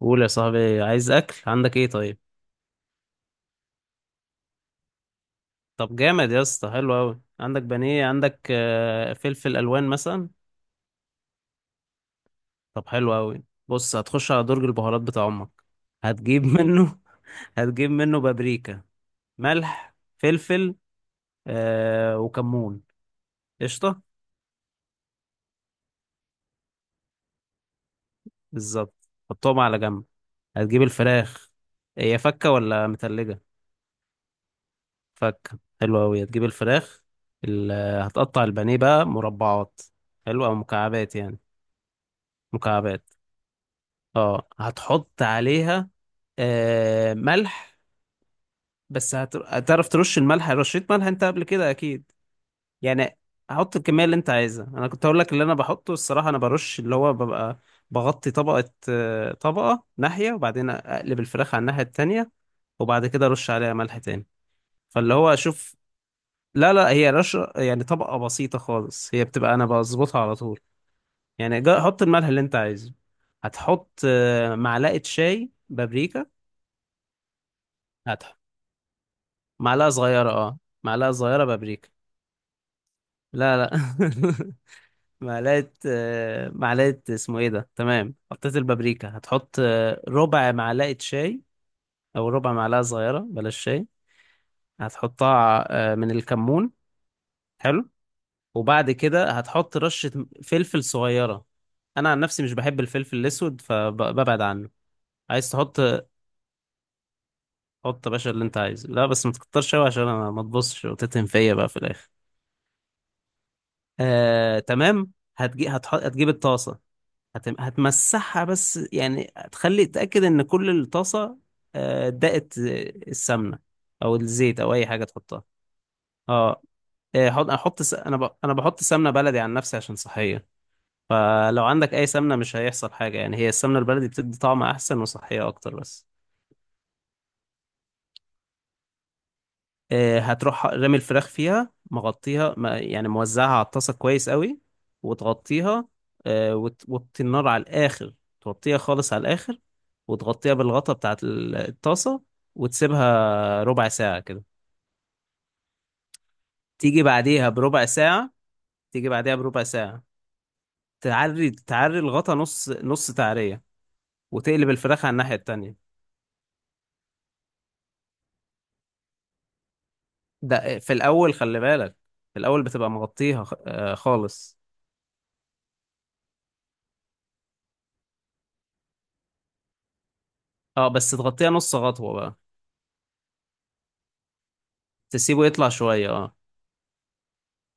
قول يا صاحبي، عايز اكل؟ عندك ايه طيب؟ طب جامد يا اسطى، حلو قوي، عندك بانيه، عندك فلفل الوان مثلا. طب حلو قوي، بص هتخش على درج البهارات بتاع امك، هتجيب منه. هتجيب منه بابريكا، ملح، فلفل، وكمون. قشطه، بالظبط حطهم على جنب. هتجيب الفراخ، هي فكه ولا متلجه؟ فكه، حلو قوي. هتجيب الفراخ، ال- هتقطع البانيه بقى مربعات، حلو، او مكعبات يعني. مكعبات. اه، هتحط عليها ملح. بس هتعرف ترش الملح، رشيت ملح انت قبل كده اكيد يعني. هحط الكميه اللي انت عايزها. انا كنت هقول لك اللي انا بحطه، الصراحه انا برش، اللي هو ببقى بغطي طبقه ناحيه، وبعدين اقلب الفراخ على الناحيه التانية. وبعد كده ارش عليها ملح تاني، فاللي هو اشوف. لا، لا، هي رش يعني طبقه بسيطه خالص، هي بتبقى انا بظبطها على طول يعني. حط الملح اللي انت عايزه. هتحط معلقه شاي بابريكا. معلقة صغيرة، معلقة صغيرة بابريكا. لا، لا. معلقة اسمه ايه ده؟ تمام، حطيت البابريكا، هتحط ربع معلقة شاي، او ربع معلقة صغيرة بلاش شاي. هتحطها من الكمون. حلو، وبعد كده هتحط رشة فلفل صغيرة. انا عن نفسي مش بحب الفلفل الاسود فببعد عنه. عايز تحط؟ حط يا باشا اللي انت عايزه، لا بس ما تكترش قوي، عشان انا ما تبصش وتتهم فيا بقى في الاخر. تمام. هتجيب الطاسة. هتمسحها، بس يعني تخلي تأكد إن كل الطاسة دقت السمنة، أو الزيت أو أي حاجة تحطها. اه. أحط أنا بحط سمنة بلدي عن نفسي عشان صحية. فلو عندك أي سمنة مش هيحصل حاجة يعني، هي السمنة البلدي بتدي طعم أحسن وصحية أكتر بس. هتروح رامي الفراخ فيها، مغطيها يعني موزعها على الطاسة كويس قوي، وتغطيها. وتوطي النار على الآخر، توطيها خالص على الآخر، وتغطيها بالغطا بتاعت الطاسة. وتسيبها ربع ساعة كده. تيجي بعديها بربع ساعة. تيجي بعديها بربع ساعة. تعري تعري الغطا نص نص تعرية، وتقلب الفراخ على الناحية التانية. ده في الأول خلي بالك، في الأول بتبقى مغطيها خالص. اه، بس تغطيها نص خطوة بقى، تسيبه يطلع شوية. اه،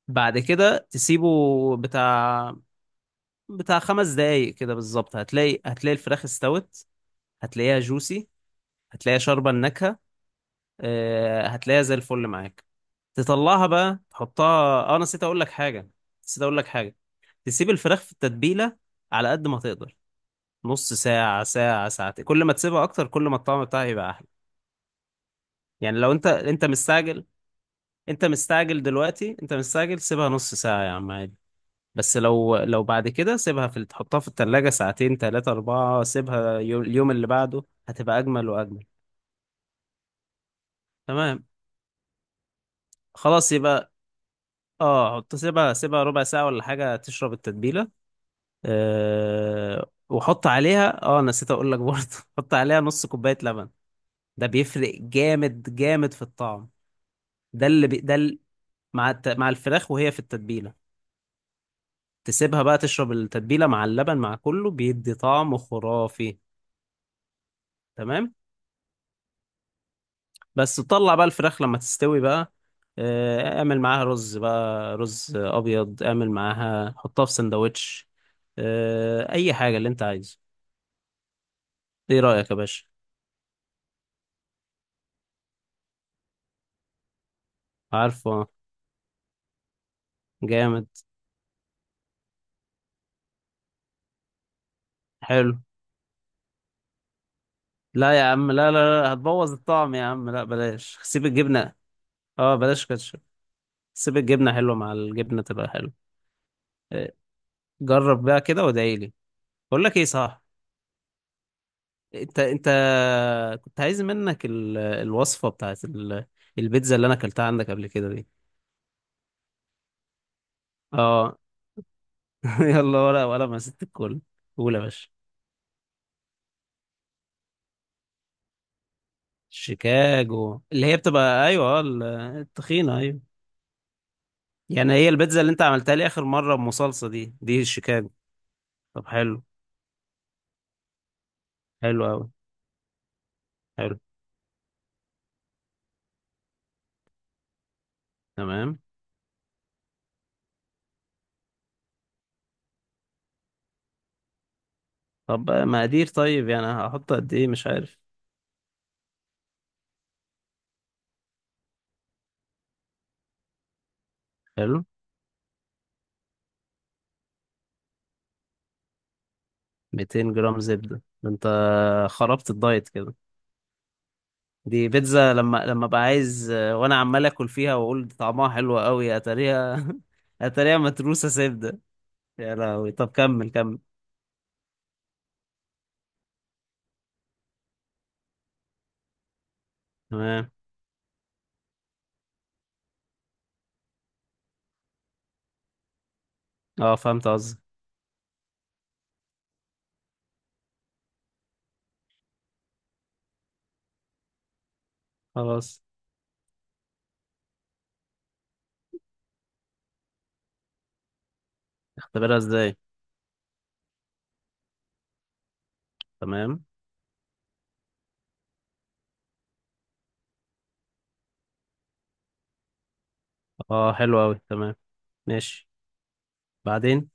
بعد كده تسيبه بتاع بتاع 5 دقايق كده بالظبط، هتلاقي الفراخ استوت. هتلاقيها جوسي، هتلاقيها شاربة النكهة، هتلاقيها زي الفل معاك. تطلعها بقى، تحطها. اه نسيت اقول لك حاجة. تسيب الفراخ في التتبيلة على قد ما تقدر، نص ساعة، ساعة، ساعتين. كل ما تسيبها اكتر كل ما الطعم بتاعها يبقى احلى. يعني لو انت مستعجل، انت مستعجل دلوقتي، انت مستعجل سيبها نص ساعة يا عم، عادي. بس لو بعد كده سيبها، في تحطها في التلاجة ساعتين تلاتة أربعة، سيبها اليوم اللي بعده، هتبقى أجمل وأجمل. تمام، خلاص يبقى. اه، حط، سيبها ربع ساعة ولا حاجة تشرب التتبيلة. وحط عليها، نسيت أقول لك برضه. حط عليها نص كوباية لبن، ده بيفرق جامد جامد في الطعم. ده اللي بي ده ال- مع الفراخ وهي في التتبيلة، تسيبها بقى تشرب التتبيلة، مع اللبن مع كله بيدي طعم خرافي. تمام، بس تطلع بقى الفراخ لما تستوي بقى. اعمل معاها رز بقى، رز ابيض، اعمل معاها، حطها في سندوتش، اي حاجه اللي انت عايزه. ايه رايك يا باشا؟ عارفه؟ جامد، حلو. لا يا عم، لا، لا، لا، هتبوظ الطعم يا عم، لا بلاش، سيب الجبنه. اه، بلاش كاتشب، سيب الجبنه حلوه، مع الجبنه تبقى حلوه. آه، جرب بقى كده وادعي لي. بقول لك ايه؟ صح، انت كنت عايز منك الوصفه بتاعت البيتزا اللي انا اكلتها عندك قبل كده دي. اه. يلا، ولا ولا ما ست الكل. قول يا باشا. شيكاجو اللي هي بتبقى، ايوه، التخينه، ايوه. يعني هي البيتزا اللي انت عملتها لي اخر مره بمصلصه، دي الشيكاجو. طب حلو. حلو قوي. حلو، تمام. طب بقى مقادير؟ طيب يعني هحط قد ايه؟ مش عارف. حلو. 200 جرام زبده، ده انت خربت الدايت كده. دي بيتزا، لما ابقى عايز وانا عمال اكل فيها واقول دي طعمها حلو قوي، اتاريها اتاريها متروسه زبده. يا لهوي. طب كمل كمل. تمام. اه، فهمت قصدي. خلاص، اختبرها ازاي؟ تمام. اه، حلو اوي. تمام، ماشي، بعدين.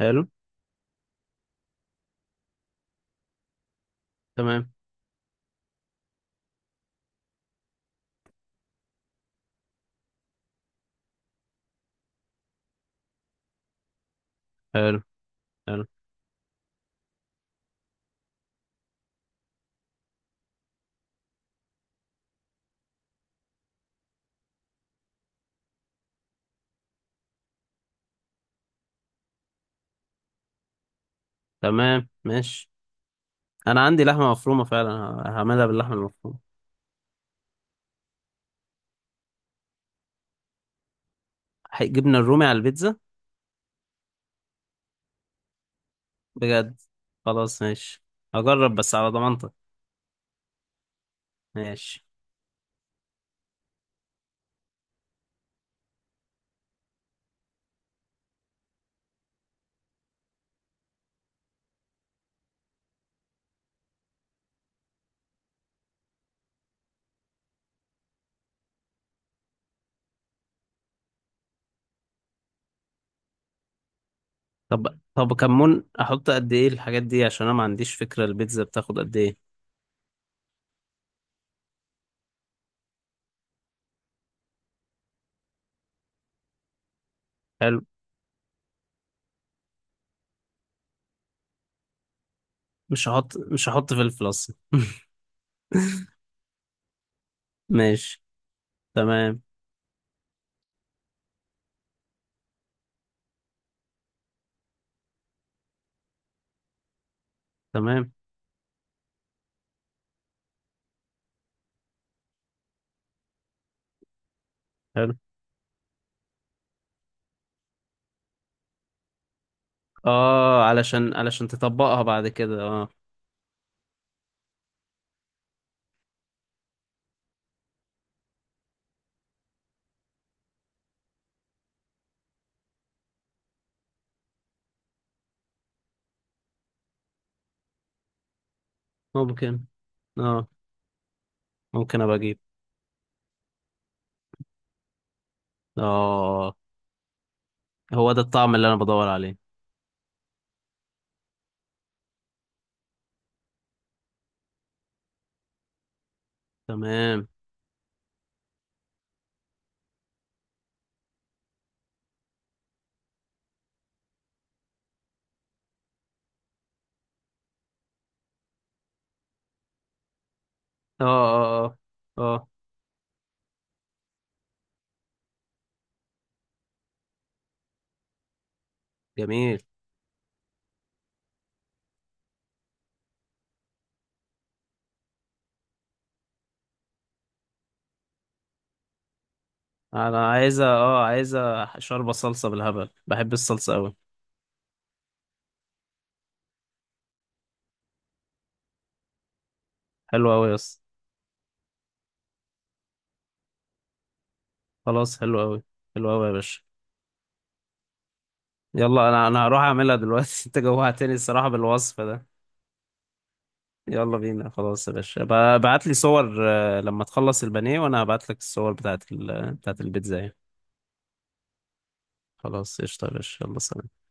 حلو. تمام. حلو، حلو، تمام. ماشي. انا عندي لحمه مفرومه فعلا، هعملها باللحمه المفرومه. جبنه الرومي على البيتزا، بجد؟ خلاص ماشي، هجرب بس على ضمانتك. ماشي. طب كمون احط قد ايه؟ الحاجات دي عشان انا ما عنديش فكره البيتزا بتاخد قد ايه. حلو، مش هحط فلفل اصلا. ماشي. تمام، تمام. حلو. اه، علشان تطبقها بعد كده، اه. ممكن اه ممكن ابقى اجيب. اه، هو ده الطعم اللي انا بدور عليه. تمام. اه، اه، اه، اه. جميل. انا عايزه شوربه صلصه بالهبل، بحب الصلصه قوي. حلو قوي يا اسطى. خلاص، حلو قوي. حلو قوي يا باشا. يلا، انا هروح اعملها دلوقتي. انت جوعتني الصراحه بالوصف ده. يلا بينا، خلاص يا باشا. ابعت لي صور لما تخلص البانيه، وانا هبعت لك الصور بتاعت البيتزا يعني. خلاص، قشطة يا باشا، يلا سلام.